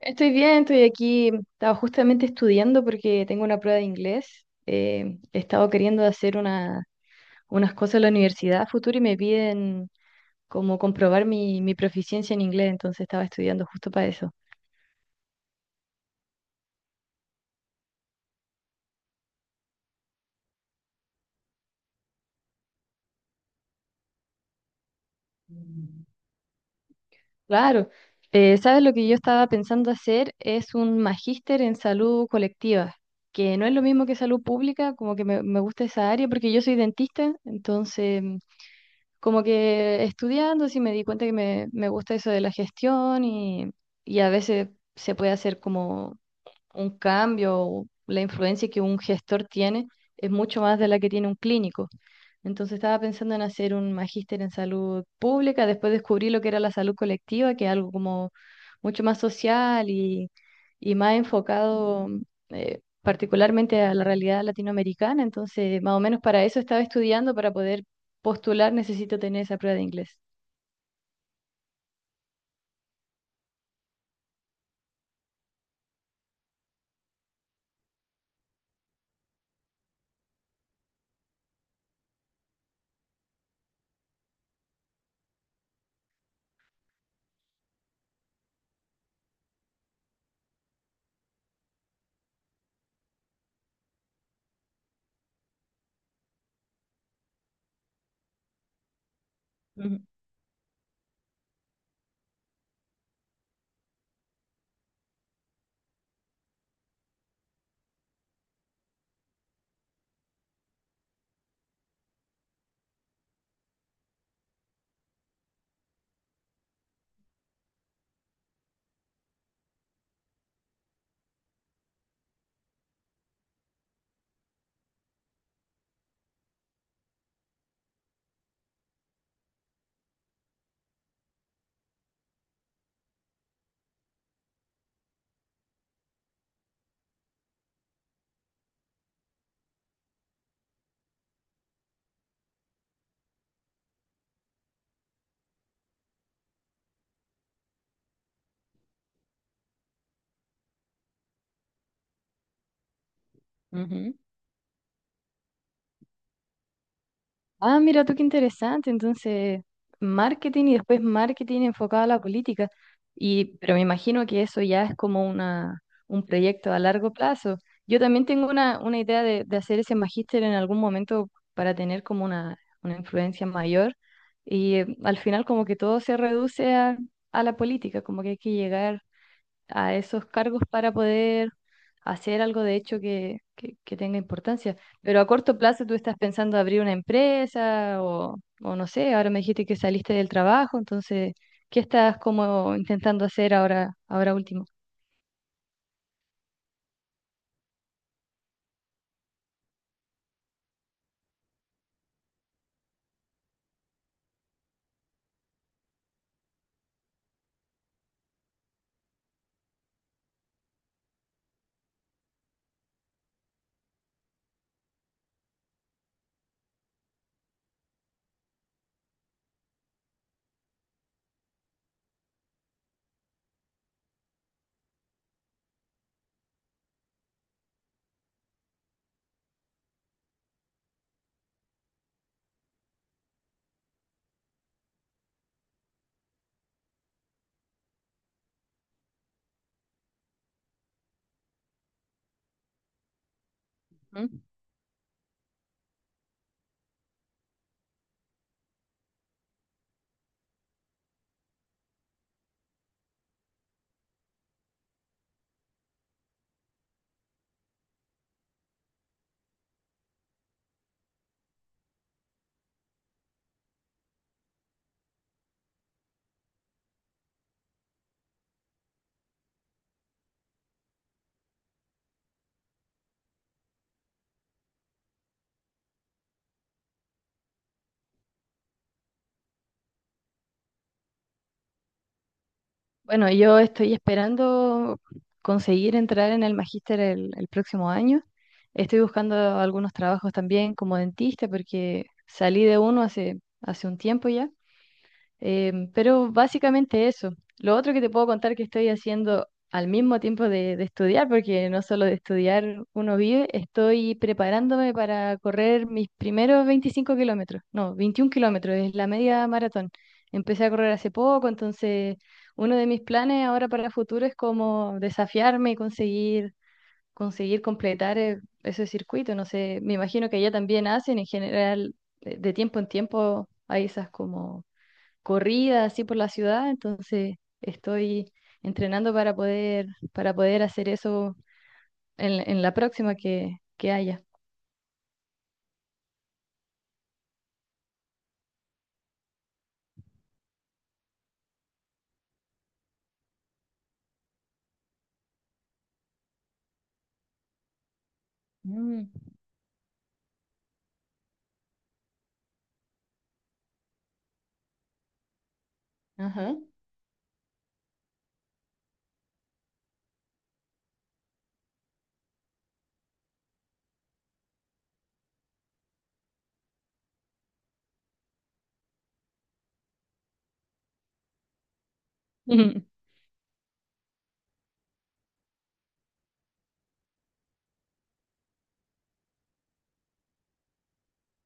Estoy bien, estoy aquí. Estaba justamente estudiando porque tengo una prueba de inglés. He estado queriendo hacer unas cosas en la universidad a futuro y me piden como comprobar mi proficiencia en inglés, entonces estaba estudiando justo para eso. Claro, ¿sabes lo que yo estaba pensando hacer? Es un magíster en salud colectiva, que no es lo mismo que salud pública, como que me gusta esa área porque yo soy dentista, entonces como que estudiando sí me di cuenta que me gusta eso de la gestión y a veces se puede hacer como un cambio, o la influencia que un gestor tiene es mucho más de la que tiene un clínico. Entonces estaba pensando en hacer un magíster en salud pública, después descubrí lo que era la salud colectiva, que es algo como mucho más social y más enfocado particularmente a la realidad latinoamericana. Entonces, más o menos para eso estaba estudiando, para poder postular necesito tener esa prueba de inglés. Ujú, ujú. Ah, mira tú qué interesante. Entonces, marketing y después marketing enfocado a la política. Y, pero me imagino que eso ya es como una, un proyecto a largo plazo. Yo también tengo una idea de hacer ese magíster en algún momento para tener como una influencia mayor. Y al final como que todo se reduce a la política, como que hay que llegar a esos cargos para poder hacer algo de hecho que, que tenga importancia. Pero a corto plazo tú estás pensando abrir una empresa o no sé, ahora me dijiste que saliste del trabajo, entonces, ¿qué estás como intentando hacer ahora, ahora último? ¿Mm? Bueno, yo estoy esperando conseguir entrar en el magíster el próximo año. Estoy buscando algunos trabajos también como dentista porque salí de uno hace un tiempo ya. Pero básicamente eso. Lo otro que te puedo contar que estoy haciendo al mismo tiempo de estudiar, porque no solo de estudiar uno vive, estoy preparándome para correr mis primeros 25 kilómetros. No, 21 kilómetros, es la media maratón. Empecé a correr hace poco, entonces uno de mis planes ahora para el futuro es como desafiarme y conseguir, conseguir completar ese circuito. No sé, me imagino que allá también hacen en general, de tiempo en tiempo hay esas como corrida así por la ciudad, entonces estoy entrenando para poder hacer eso en la próxima que haya. Mm. Ajá.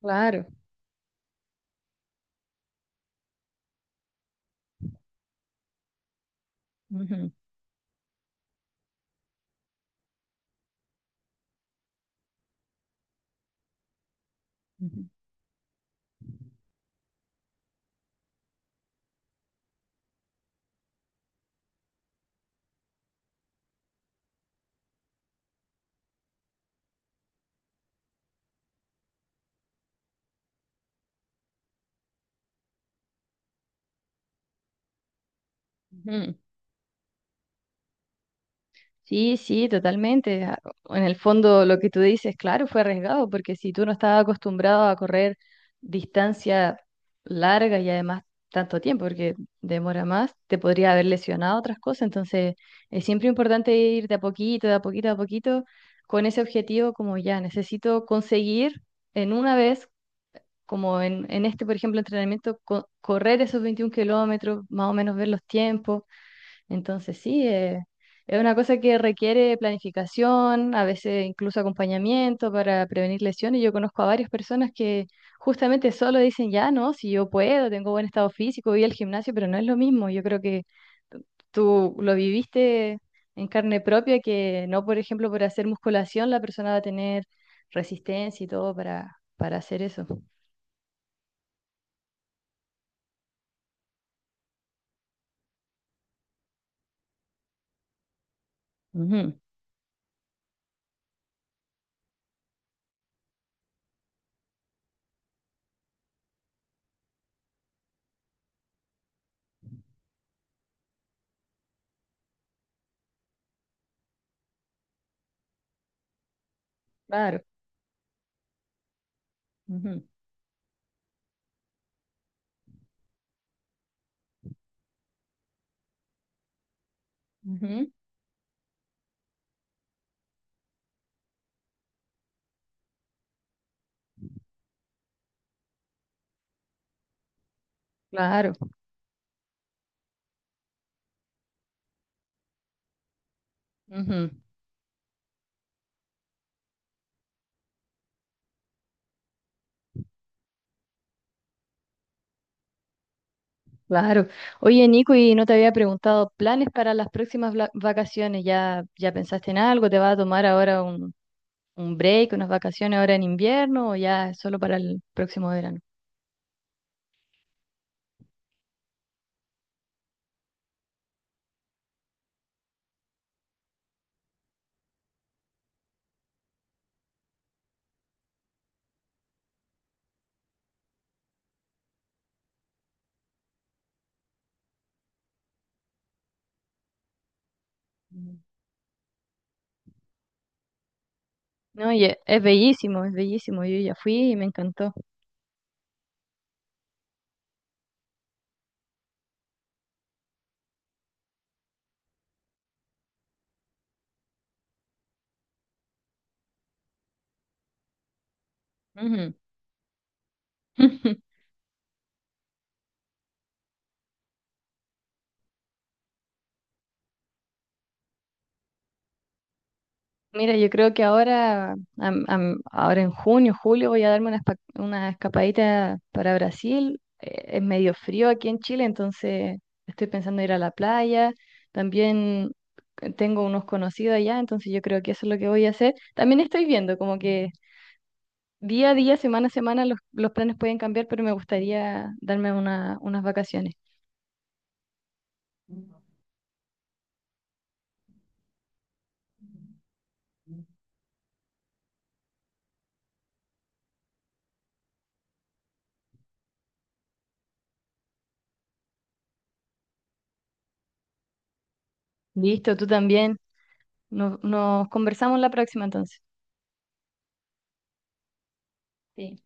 Claro. Ujú, ujú, ujú. Sí, sí, totalmente. A- En el fondo, lo que tú dices, claro, fue arriesgado, porque si tú no estabas acostumbrado a correr distancia larga y además tanto tiempo, porque demora más, te podría haber lesionado otras cosas. Entonces, es siempre importante ir de a poquito, de a poquito, de a poquito, con ese objetivo como ya, necesito conseguir en una vez, como en este, por ejemplo, entrenamiento, correr esos 21 kilómetros, más o menos ver los tiempos, entonces sí, es una cosa que requiere planificación, a veces incluso acompañamiento para prevenir lesiones. Yo conozco a varias personas que justamente solo dicen, ya no, si yo puedo, tengo buen estado físico, voy al gimnasio, pero no es lo mismo. Yo creo que tú lo viviste en carne propia, que no, por ejemplo, por hacer musculación la persona va a tener resistencia y todo para hacer eso. Ujú. Claro. Ujú, ujú. Claro. Ujú. Claro. Oye, Nico, y no te había preguntado, ¿planes para las próximas vacaciones? ¿Ya, ya pensaste en algo? ¿Te vas a tomar ahora un break, unas vacaciones ahora en invierno o ya es solo para el próximo verano? Mm. No, y es bellísimo, es bellísimo. Yo ya fui y me encantó. Ujú. Mira, yo creo que ahora, ahora en junio, julio, voy a darme una, una escapadita para Brasil. Es medio frío aquí en Chile, entonces estoy pensando ir a la playa. También tengo unos conocidos allá, entonces yo creo que eso es lo que voy a hacer. También estoy viendo como que día a día, semana a semana, los planes pueden cambiar, pero me gustaría darme unas vacaciones. Listo, tú también. Nos conversamos la próxima entonces. Sí.